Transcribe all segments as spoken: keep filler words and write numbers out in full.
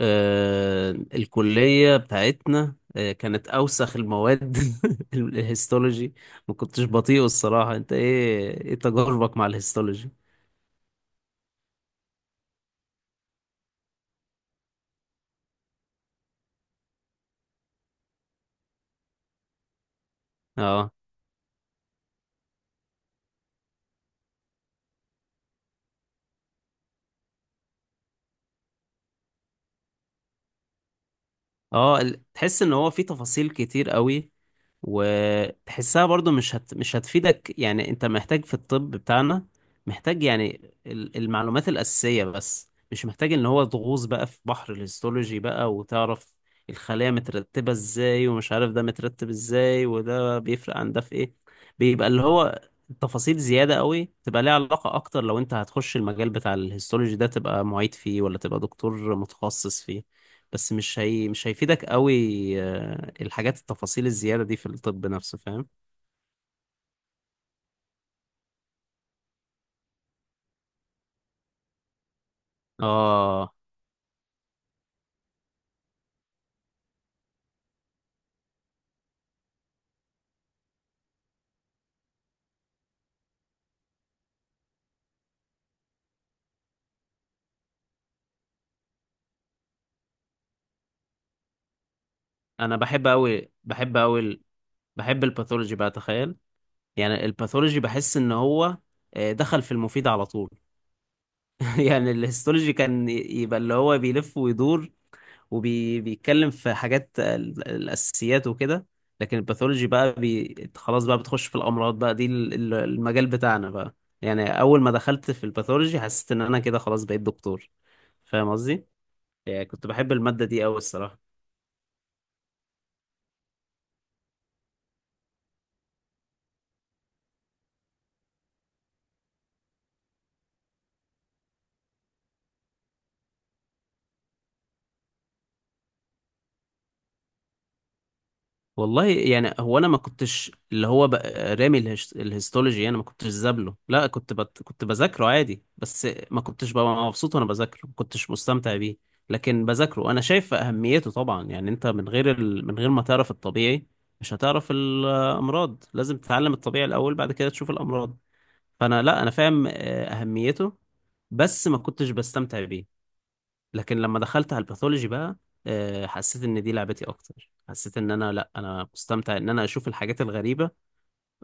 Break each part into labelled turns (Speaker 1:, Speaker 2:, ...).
Speaker 1: آه، الكلية بتاعتنا آه، كانت أوسخ المواد ال- الهيستولوجي. ما كنتش بطيئه الصراحة، أنت إيه إيه تجاربك مع الهيستولوجي؟ أه أه ال- تحس إن هو في تفاصيل كتير قوي، وتحسها برضو مش هت... مش هتفيدك. يعني انت محتاج في الطب بتاعنا، محتاج يعني ال- المعلومات الأساسية، بس مش محتاج ان هو تغوص بقى في بحر الهيستولوجي بقى وتعرف الخلايا مترتبة ازاي، ومش عارف ده مترتب ازاي، وده بيفرق عن ده في ايه. بيبقى اللي هو تفاصيل زيادة قوي، تبقى ليها علاقة اكتر لو انت هتخش المجال بتاع الهيستولوجي ده، تبقى معيد فيه ولا تبقى دكتور متخصص فيه، بس مش هي مش هيفيدك قوي. آه، الحاجات التفاصيل الزيادة دي في الطب نفسه، فاهم. اه، انا بحب قوي بحب قوي ال- بحب الباثولوجي بقى، تخيل. يعني الباثولوجي بحس ان هو آه، دخل في المفيد على طول. يعني الهيستولوجي كان ي- يبقى اللي هو بيلف ويدور، وبيتكلم في حاجات ال- الأساسيات وكده. لكن الباثولوجي بقى بي... خلاص بقى بتخش في الأمراض بقى، دي ال- ال- المجال بتاعنا بقى. يعني أول ما دخلت في الباثولوجي، حسيت إن أنا كده خلاص بقيت دكتور. فاهم قصدي؟ يعني كنت بحب المادة دي أوي الصراحة. والله يعني هو انا ما كنتش اللي هو بقى رامي الهش... الهيستولوجي. انا ما كنتش زابله، لا كنت بت... كنت بذاكره عادي، بس ما كنتش ببقى مبسوط وانا بذاكره، ما كنتش مستمتع بيه. لكن بذاكره انا شايف اهميته طبعا، يعني انت من غير ال... من غير ما تعرف الطبيعي مش هتعرف الامراض. لازم تتعلم الطبيعي الاول، بعد كده تشوف الامراض. فانا لا، انا فاهم آه، اهميته، بس ما كنتش بستمتع بيه. لكن لما دخلت على الباثولوجي بقى، آه، حسيت ان دي لعبتي اكتر. حسيت ان انا لا، انا مستمتع ان انا اشوف الحاجات الغريبه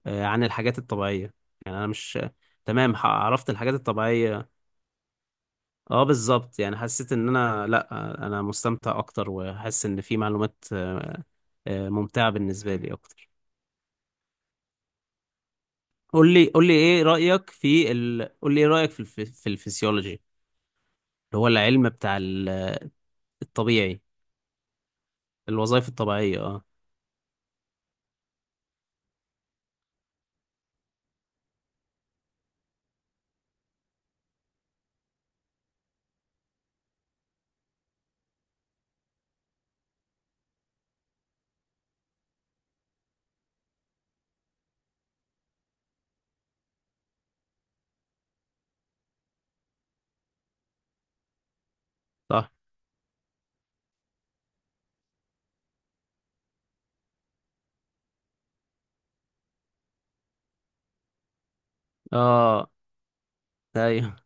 Speaker 1: آه، عن الحاجات الطبيعيه. يعني انا مش تمام، ح- عرفت الحاجات الطبيعيه. اه بالظبط، يعني حسيت ان انا لا، آه، انا مستمتع اكتر، وحاسس ان في معلومات آه، آه، ممتعه بالنسبه لي اكتر. قول لي قول لي ايه رايك في ال... قول لي ايه رايك في الف... في الفسيولوجي، اللي هو العلم بتاع ال- الطبيعي. الوظائف الطبيعيه، اه صح، اه ايوه،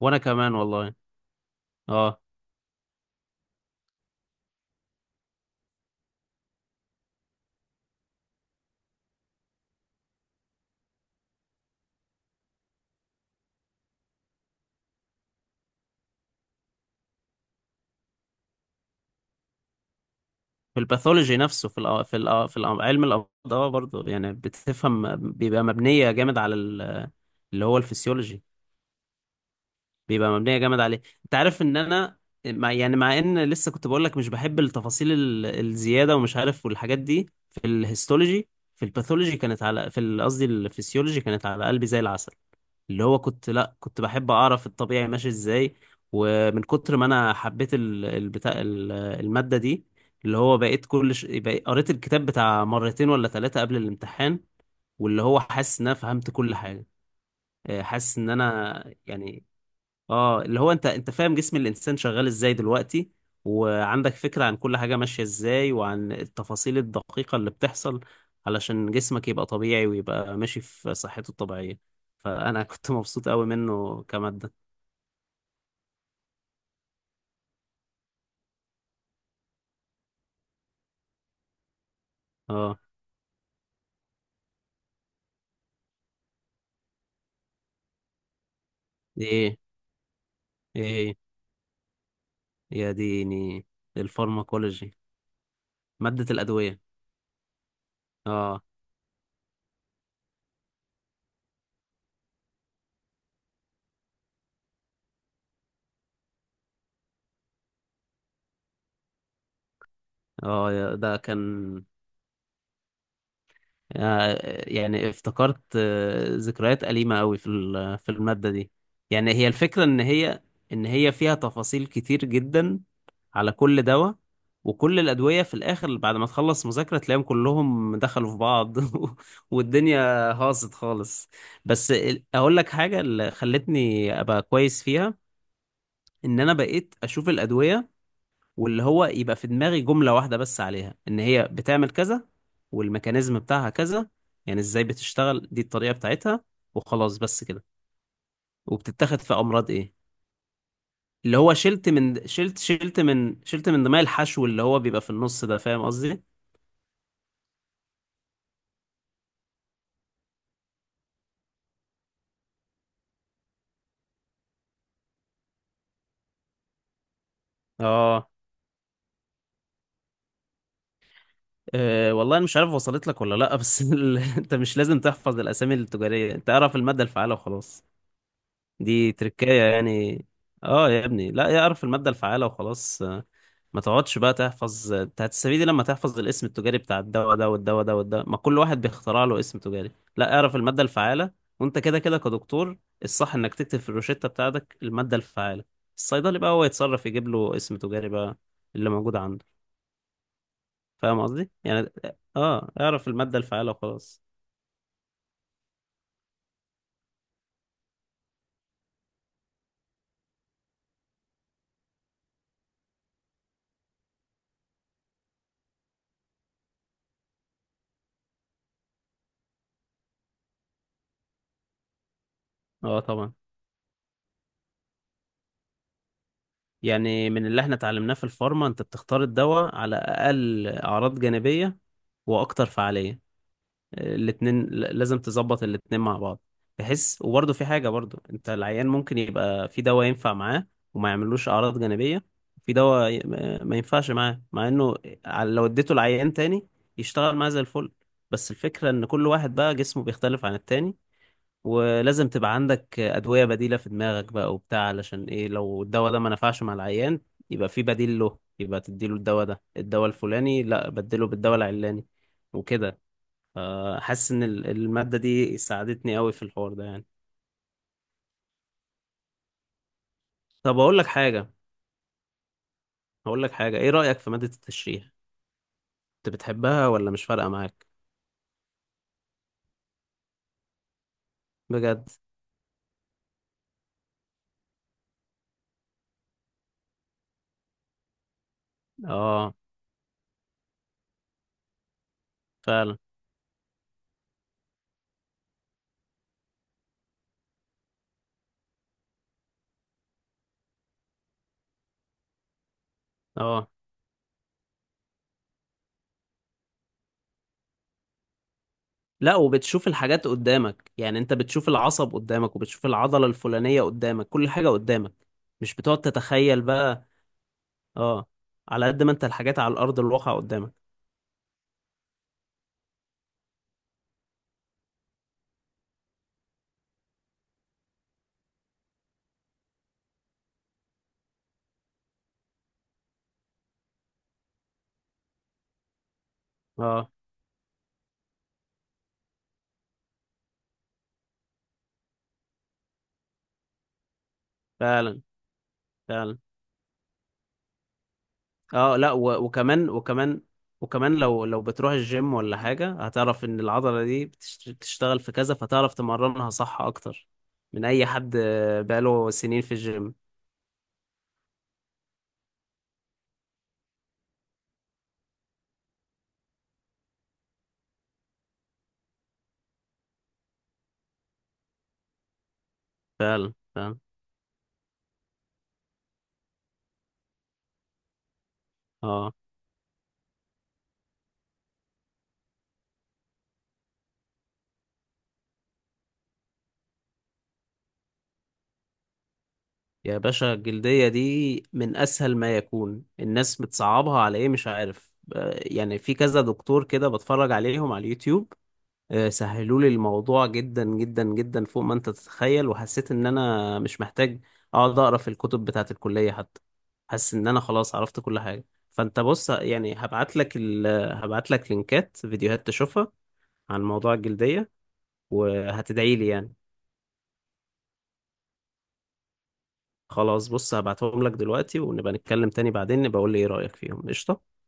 Speaker 1: وانا كمان والله، اه. في الباثولوجي نفسه، في الأ... في الأ... في الأ... علم الامراض، اه برضه، يعني بتفهم بيبقى مبنيه جامد على ال... اللي هو الفسيولوجي. بيبقى مبنيه جامد عليه، انت عارف ان انا مع... يعني مع ان لسه كنت بقول لك مش بحب التفاصيل ال... الزياده ومش عارف، والحاجات دي في الهيستولوجي. في الباثولوجي كانت على في ال- قصدي الفسيولوجي كانت على قلبي زي العسل. اللي هو كنت، لا كنت بحب اعرف الطبيعي ماشي ازاي. ومن كتر ما انا حبيت ال- البتاع ال- المادة دي، اللي هو بقيت كل ش... بقيت قريت الكتاب بتاع مرتين ولا ثلاثة قبل الامتحان. واللي هو حاسس ان انا فهمت كل حاجة. آه، حاسس ان انا يعني، اه، اللي هو انت انت فاهم جسم الانسان شغال ازاي دلوقتي، وعندك فكرة عن كل حاجة ماشية ازاي، وعن التفاصيل الدقيقة اللي بتحصل علشان جسمك يبقى طبيعي ويبقى ماشي في صحته الطبيعية. فانا كنت مبسوط قوي منه كمادة. اه، دي ايه؟ ايه! يا ديني، الفارماكولوجي، مادة الأدوية. اه اه يا- ده كان، آه، يعني افتكرت آه، ذكريات أليمة قوي في ال- في المادة دي. يعني هي الفكرة ان هي ان هي فيها تفاصيل كتير جدا على كل دواء، وكل الأدوية في الآخر بعد ما تخلص مذاكرة تلاقيهم كلهم دخلوا في بعض. والدنيا هاصت خالص. بس ال- أقول لك حاجة اللي خلتني أبقى كويس فيها، إن أنا بقيت أشوف الأدوية واللي هو يبقى في دماغي جملة واحدة بس عليها ان هي بتعمل كذا، والميكانيزم بتاعها كذا، يعني ازاي بتشتغل، دي الطريقة بتاعتها، وخلاص بس كده، وبتتاخد في امراض ايه. اللي هو شلت من شلت شلت من شلت من دماغي الحشو اللي هو بيبقى في النص ده، فاهم قصدي. اه أه والله انا مش عارف وصلت لك ولا لا، بس ال... انت مش لازم تحفظ الاسامي التجارية، انت اعرف المادة الفعالة وخلاص. دي تركاية يعني. اه يا ابني، لا، يعرف المادة الفعالة وخلاص. ما تقعدش بقى تحفظ، انت هتستفيد إيه لما تحفظ الاسم التجاري بتاع الدواء ده والدواء ده والدواء؟ ما كل واحد بيخترع له اسم تجاري. لا، اعرف المادة الفعالة. وانت كده كده كدكتور، الصح انك تكتب في الروشتة بتاعتك المادة الفعالة. الصيدلي بقى هو يتصرف يجيب له اسم تجاري بقى اللي موجود عنده. فاهم قصدي يعني. اه، اعرف المادة الفعالة وخلاص. اه طبعا، يعني من اللي احنا اتعلمناه في الفارما، انت بتختار الدواء على اقل اعراض جانبية واكتر فعالية. الاتنين ل- لازم تظبط الاتنين مع بعض. بحس وبرضه في حاجة برضه، انت العيان ممكن يبقى في دواء ينفع معاه وما يعملوش أعراض جانبية، في دواء ي- ما ما ينفعش معاه مع انه، ع- لو اديته العيان تاني يشتغل معاه زي الفل. بس الفكرة ان كل واحد بقى جسمه بيختلف عن التاني، ولازم تبقى عندك أدوية بديلة في دماغك بقى وبتاع، علشان ايه؟ لو الدواء ده ما نفعش مع العيان، يبقى في بديل له، يبقى تديله الدواء ده الدواء الفلاني، لا بدله بالدواء العلاني وكده. آه، حاسس ان ال- المادة دي ساعدتني قوي في الحوار ده يعني. طب اقول لك حاجة، هقول لك حاجة، ايه رأيك في مادة التشريح؟ انت بتحبها ولا مش فارقة معاك؟ بجد. اه فعلا. اه لا، وبتشوف الحاجات قدامك، يعني انت بتشوف العصب قدامك، وبتشوف العضلة الفلانية قدامك، كل حاجة قدامك. مش بتقعد تتخيل بقى. اه، على قد ما انت الحاجات على الارض الواقع قدامك. اه فعلا فعلا. اه لا، و- وكمان وكمان وكمان لو لو بتروح الجيم ولا حاجة، هتعرف ان العضلة دي بتش- بتشتغل في كذا، فتعرف تمرنها صح اكتر من اي حد آه، بقاله سنين في الجيم. فعلا فعلا. اه يا باشا، الجلدية دي من اسهل ما يكون، الناس بتصعبها على ايه مش عارف. آه، يعني في كذا دكتور كده بتفرج عليهم على اليوتيوب آه، سهلوا لي الموضوع جدا جدا جدا فوق ما انت تتخيل، وحسيت ان انا مش محتاج اقعد اقرا في الكتب بتاعه الكلية حتى. حاسس ان انا خلاص عرفت كل حاجة. فانت بص يعني، هبعت لك ال... هبعت لك لينكات فيديوهات تشوفها عن موضوع الجلدية، وهتدعي لي يعني. خلاص بص، هبعتهم لك دلوقتي، ونبقى نتكلم تاني بعدين، نبقى اقول لي ايه رأيك فيهم. قشطة.